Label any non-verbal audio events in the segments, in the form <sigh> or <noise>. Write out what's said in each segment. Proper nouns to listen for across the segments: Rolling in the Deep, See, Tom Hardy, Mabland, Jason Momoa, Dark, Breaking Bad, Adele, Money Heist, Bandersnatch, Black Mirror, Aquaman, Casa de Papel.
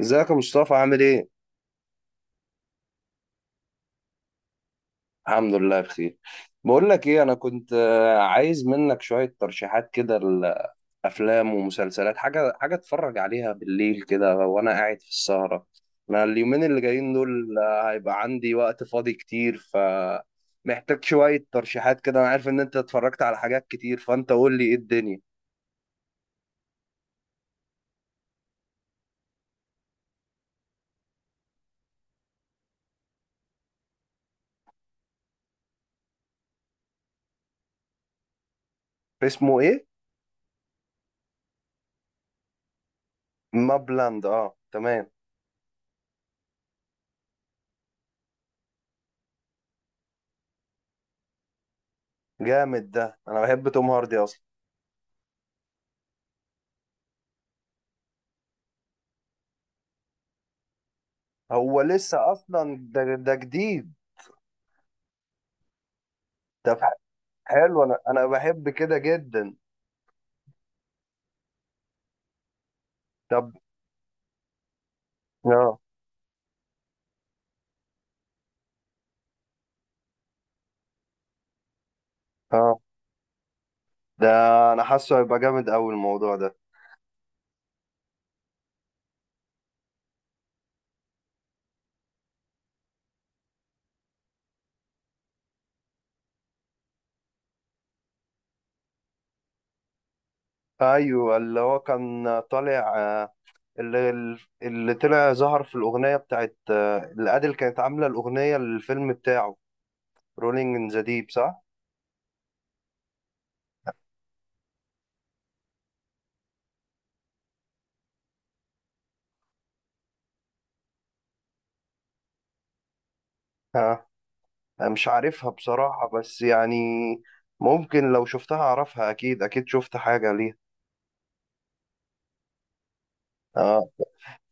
ازيك يا مصطفى؟ عامل ايه؟ الحمد لله بخير. بقول لك ايه، انا كنت عايز منك شوية ترشيحات كده لافلام ومسلسلات، حاجة حاجة اتفرج عليها بالليل كده وانا قاعد في السهرة. انا اليومين اللي جايين دول هيبقى عندي وقت فاضي كتير، ف محتاج شوية ترشيحات كده. انا عارف ان انت اتفرجت على حاجات كتير، فانت قول لي ايه الدنيا. اسمه ايه؟ مابلاند، اه تمام. جامد ده، انا بحب توم هاردي اصلا. هو لسه اصلا ده جديد ده؟ حلو، انا بحب كده جدا. طب. اه اه. ده انا حاسه هيبقى جامد قوي الموضوع ده. ايوه اللي هو كان طالع اللي اللي طلع ظهر في الاغنيه بتاعت اللي ادل كانت عامله الاغنيه للفيلم بتاعه. رولينج ان ذا ديب، صح؟ اه انا مش عارفها بصراحه، بس يعني ممكن لو شفتها اعرفها، اكيد اكيد شفت حاجه ليها. اه.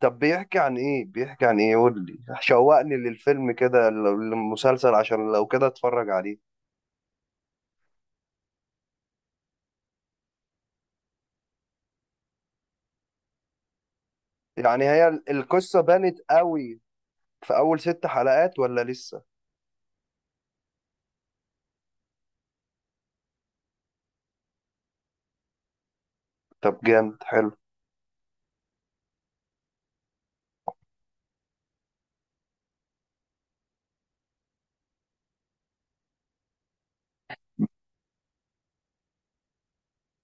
طب بيحكي عن ايه؟ بيحكي عن ايه؟ قول لي شوقني للفيلم كده، للمسلسل، عشان لو كده اتفرج عليه. يعني هي القصة بانت قوي في اول 6 حلقات ولا لسه؟ طب جامد، حلو.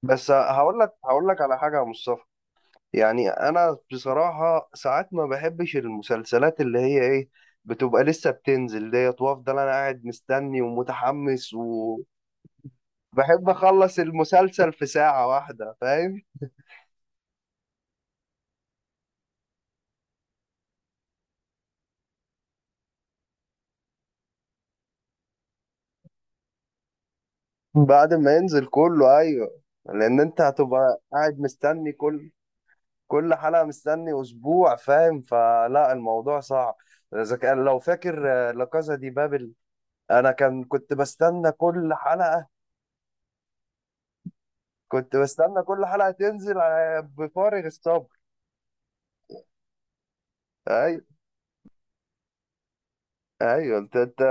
بس هقول لك على حاجة يا مصطفى. يعني انا بصراحة ساعات ما بحبش المسلسلات اللي هي ايه، بتبقى لسه بتنزل ديت وافضل انا قاعد مستني ومتحمس. وبحب اخلص المسلسل في ساعة واحدة، فاهم؟ بعد ما ينزل كله، ايوه، لان انت هتبقى قاعد مستني كل حلقه، مستني اسبوع، فاهم؟ فلا، الموضوع صعب. اذا كان لو فاكر لا كازا دي بابل، انا كان كنت بستنى كل حلقه، كنت بستنى كل حلقه تنزل بفارغ الصبر. ايوه. ايوه. انت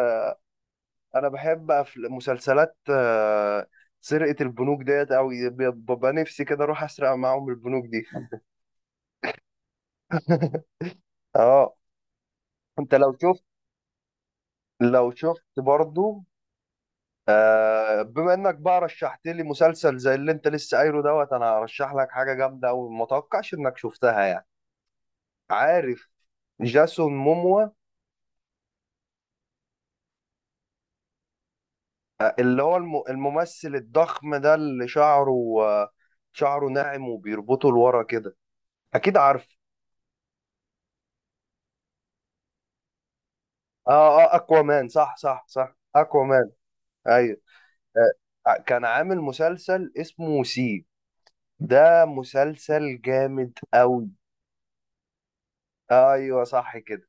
انا بحب مسلسلات سرقه البنوك ديت قوي، ببقى نفسي كده اروح اسرق معاهم البنوك دي. <laughs> اه. انت لو شفت برضو بما انك بقى رشحت لي مسلسل زي اللي انت لسه قايله دوت، انا هرشح لك حاجه جامده وما اتوقعش انك شفتها يعني. عارف جاسون موموا؟ اللي هو الممثل الضخم ده، اللي شعره آه، شعره ناعم وبيربطه لورا كده، اكيد عارف. اه اه، اكوامان، صح صح صح، اكوامان. ايوه. كان عامل مسلسل اسمه سي. ده مسلسل جامد قوي. ايوه صح كده.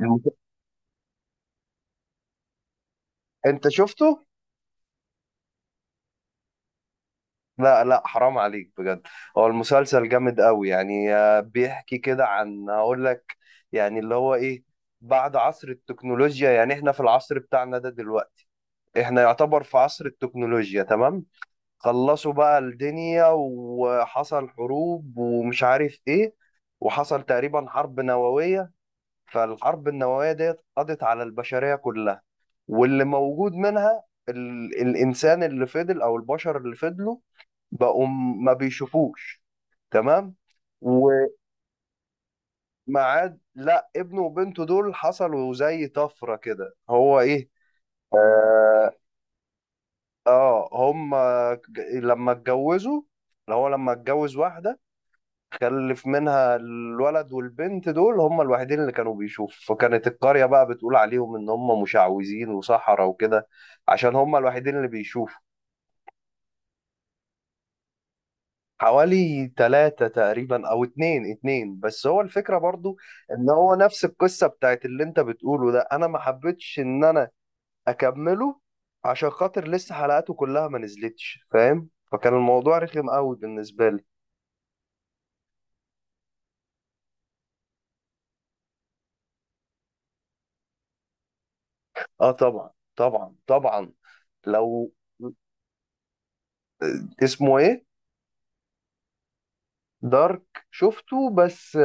المس- انت شفته؟ لا لا، حرام عليك بجد. هو المسلسل جامد قوي يعني. بيحكي كده عن، هقول لك يعني اللي هو ايه. بعد عصر التكنولوجيا، يعني احنا في العصر بتاعنا ده دلوقتي، احنا يعتبر في عصر التكنولوجيا، تمام؟ خلصوا بقى الدنيا، وحصل حروب ومش عارف ايه، وحصل تقريبا حرب نووية. فالحرب النووية ديت قضت على البشرية كلها، واللي موجود منها الإنسان اللي فضل، أو البشر اللي فضلوا، بقوا ما بيشوفوش، تمام؟ ومعاد، لا، ابنه وبنته دول حصلوا زي طفرة كده. هو ايه، اه، هم لما اتجوزوا، اللي هو لما اتجوز واحدة، خلف منها الولد والبنت دول، هم الوحيدين اللي كانوا بيشوفوا. فكانت القرية بقى بتقول عليهم ان هم مشعوذين وسحرة وكده، عشان هم الوحيدين اللي بيشوفوا. حوالي 3 تقريبا، أو اتنين اتنين. بس هو الفكرة برضو إن هو نفس القصة بتاعت اللي أنت بتقوله ده، أنا ما حبيتش إن أنا أكمله عشان خاطر لسه حلقاته كلها ما نزلتش، فاهم؟ فكان الموضوع رخم قوي بالنسبة لي. آه طبعا طبعا طبعا. لو، اسمه إيه، دارك؟ شفته بس،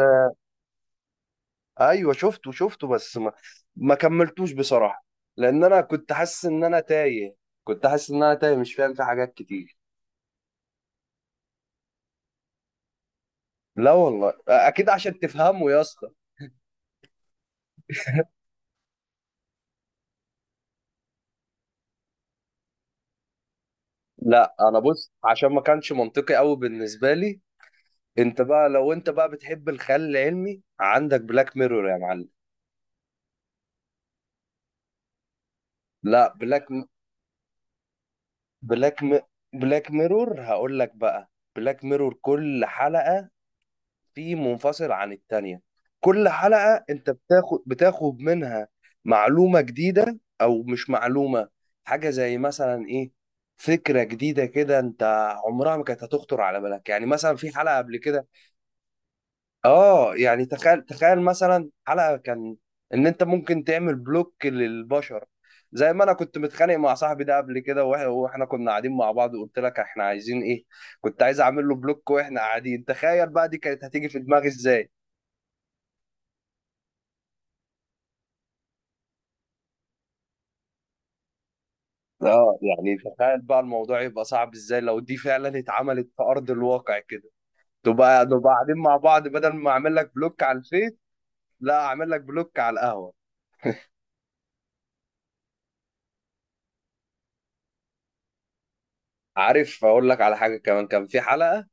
أيوه شفته بس ما، ما كملتوش بصراحة، لأن أنا كنت حاسس إن أنا تايه. كنت حاسس إن أنا تايه، مش فاهم في حاجات كتير. لا والله اكيد عشان تفهمه يا اسطى. لا انا بص، عشان ما كانش منطقي قوي بالنسبه لي. انت بقى، لو انت بقى بتحب الخيال العلمي، عندك بلاك ميرور يا معلم. لا. بلاك م... بلاك ميرور هقول لك بقى. بلاك ميرور كل حلقه في منفصل عن التانية. كل حلقة انت بتاخد منها معلومة جديدة او مش معلومة، حاجة زي مثلا ايه، فكرة جديدة كده انت عمرها ما كانت هتخطر على بالك. يعني مثلا في حلقة قبل كده، اه، يعني تخيل مثلا، حلقة كان ان انت ممكن تعمل بلوك للبشر، زي ما انا كنت متخانق مع صاحبي ده قبل كده، واحنا كنا قاعدين مع بعض وقلت لك احنا عايزين ايه، كنت عايز اعمل له بلوك واحنا قاعدين. تخيل بقى دي كانت هتيجي في دماغي ازاي. اه، يعني تخيل بقى الموضوع يبقى صعب ازاي لو دي فعلا اتعملت في ارض الواقع كده، تبقى نبقى قاعدين مع بعض، بدل ما اعمل لك بلوك على الفيس، لا اعمل لك بلوك على القهوه. عارف اقول لك على حاجه كمان؟ كان في حلقه،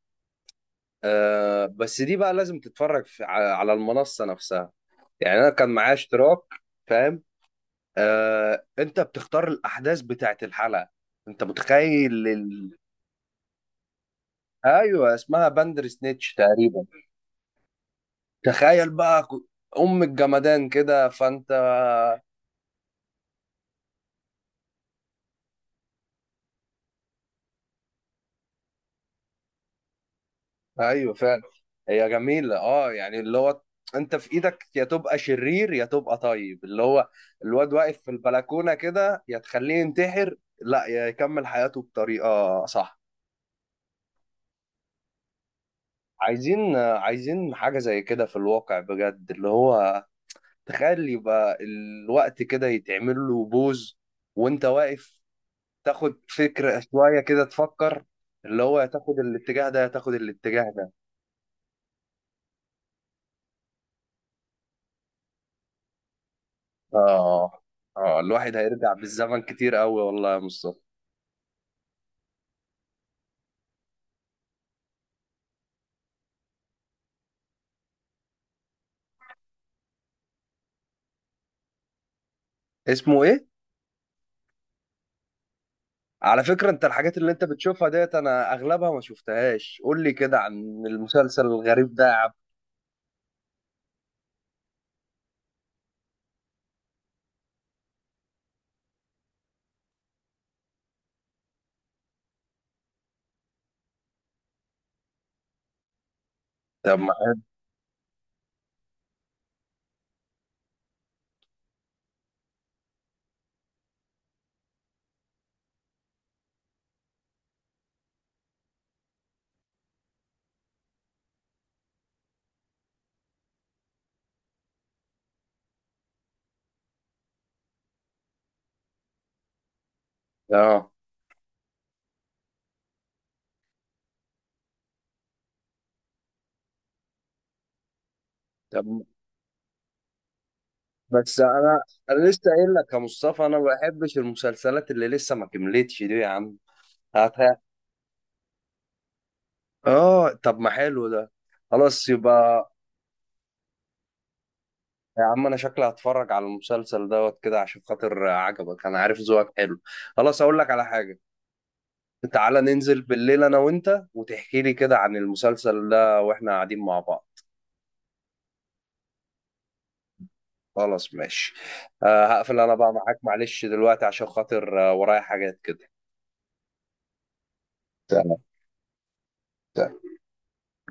آه بس دي بقى لازم تتفرج على المنصه نفسها، يعني انا كان معايا اشتراك، فاهم؟ انت بتختار الاحداث بتاعت الحلقه، انت متخيل ايوه اسمها باندر سنيتش تقريبا. تخيل بقى ام الجمدان كده فانت، ايوه فعلا، هي جميلة. اه، يعني اللي هو انت في ايدك، يا تبقى شرير يا تبقى طيب، اللي هو الواد واقف في البلكونة كده، يا تخليه ينتحر لا يا يكمل حياته بطريقة صح. عايزين حاجة زي كده في الواقع بجد، اللي هو تخيل يبقى الوقت كده يتعمل له بوز وانت واقف، تاخد فكرة شوية كده تفكر، اللي هو يا تاخد الاتجاه ده يا تاخد الاتجاه ده. اه اه، الواحد هيرجع بالزمن كتير قوي والله يا مصطفى. اسمه ايه؟ على فكرة، انت الحاجات اللي انت بتشوفها ديت انا اغلبها ما شفتهاش. قول لي كده عن المسلسل الغريب ده يا عبد. طب ما، اه. طب بس انا لسه قايل لك يا مصطفى، انا ما بحبش المسلسلات اللي لسه ما كملتش دي يا عم. هات هات. اه طب، ما حلو ده، خلاص يبقى. يا عم انا شكلي هتفرج على المسلسل دوت كده عشان خاطر عجبك، انا عارف ذوقك حلو. خلاص اقول لك على حاجة، تعالى ننزل بالليل انا وانت، وتحكي لي كده عن المسلسل ده واحنا قاعدين مع بعض. خلاص ماشي. هقفل انا بقى معاك، معلش دلوقتي، عشان خاطر ورايا حاجات كده. تمام.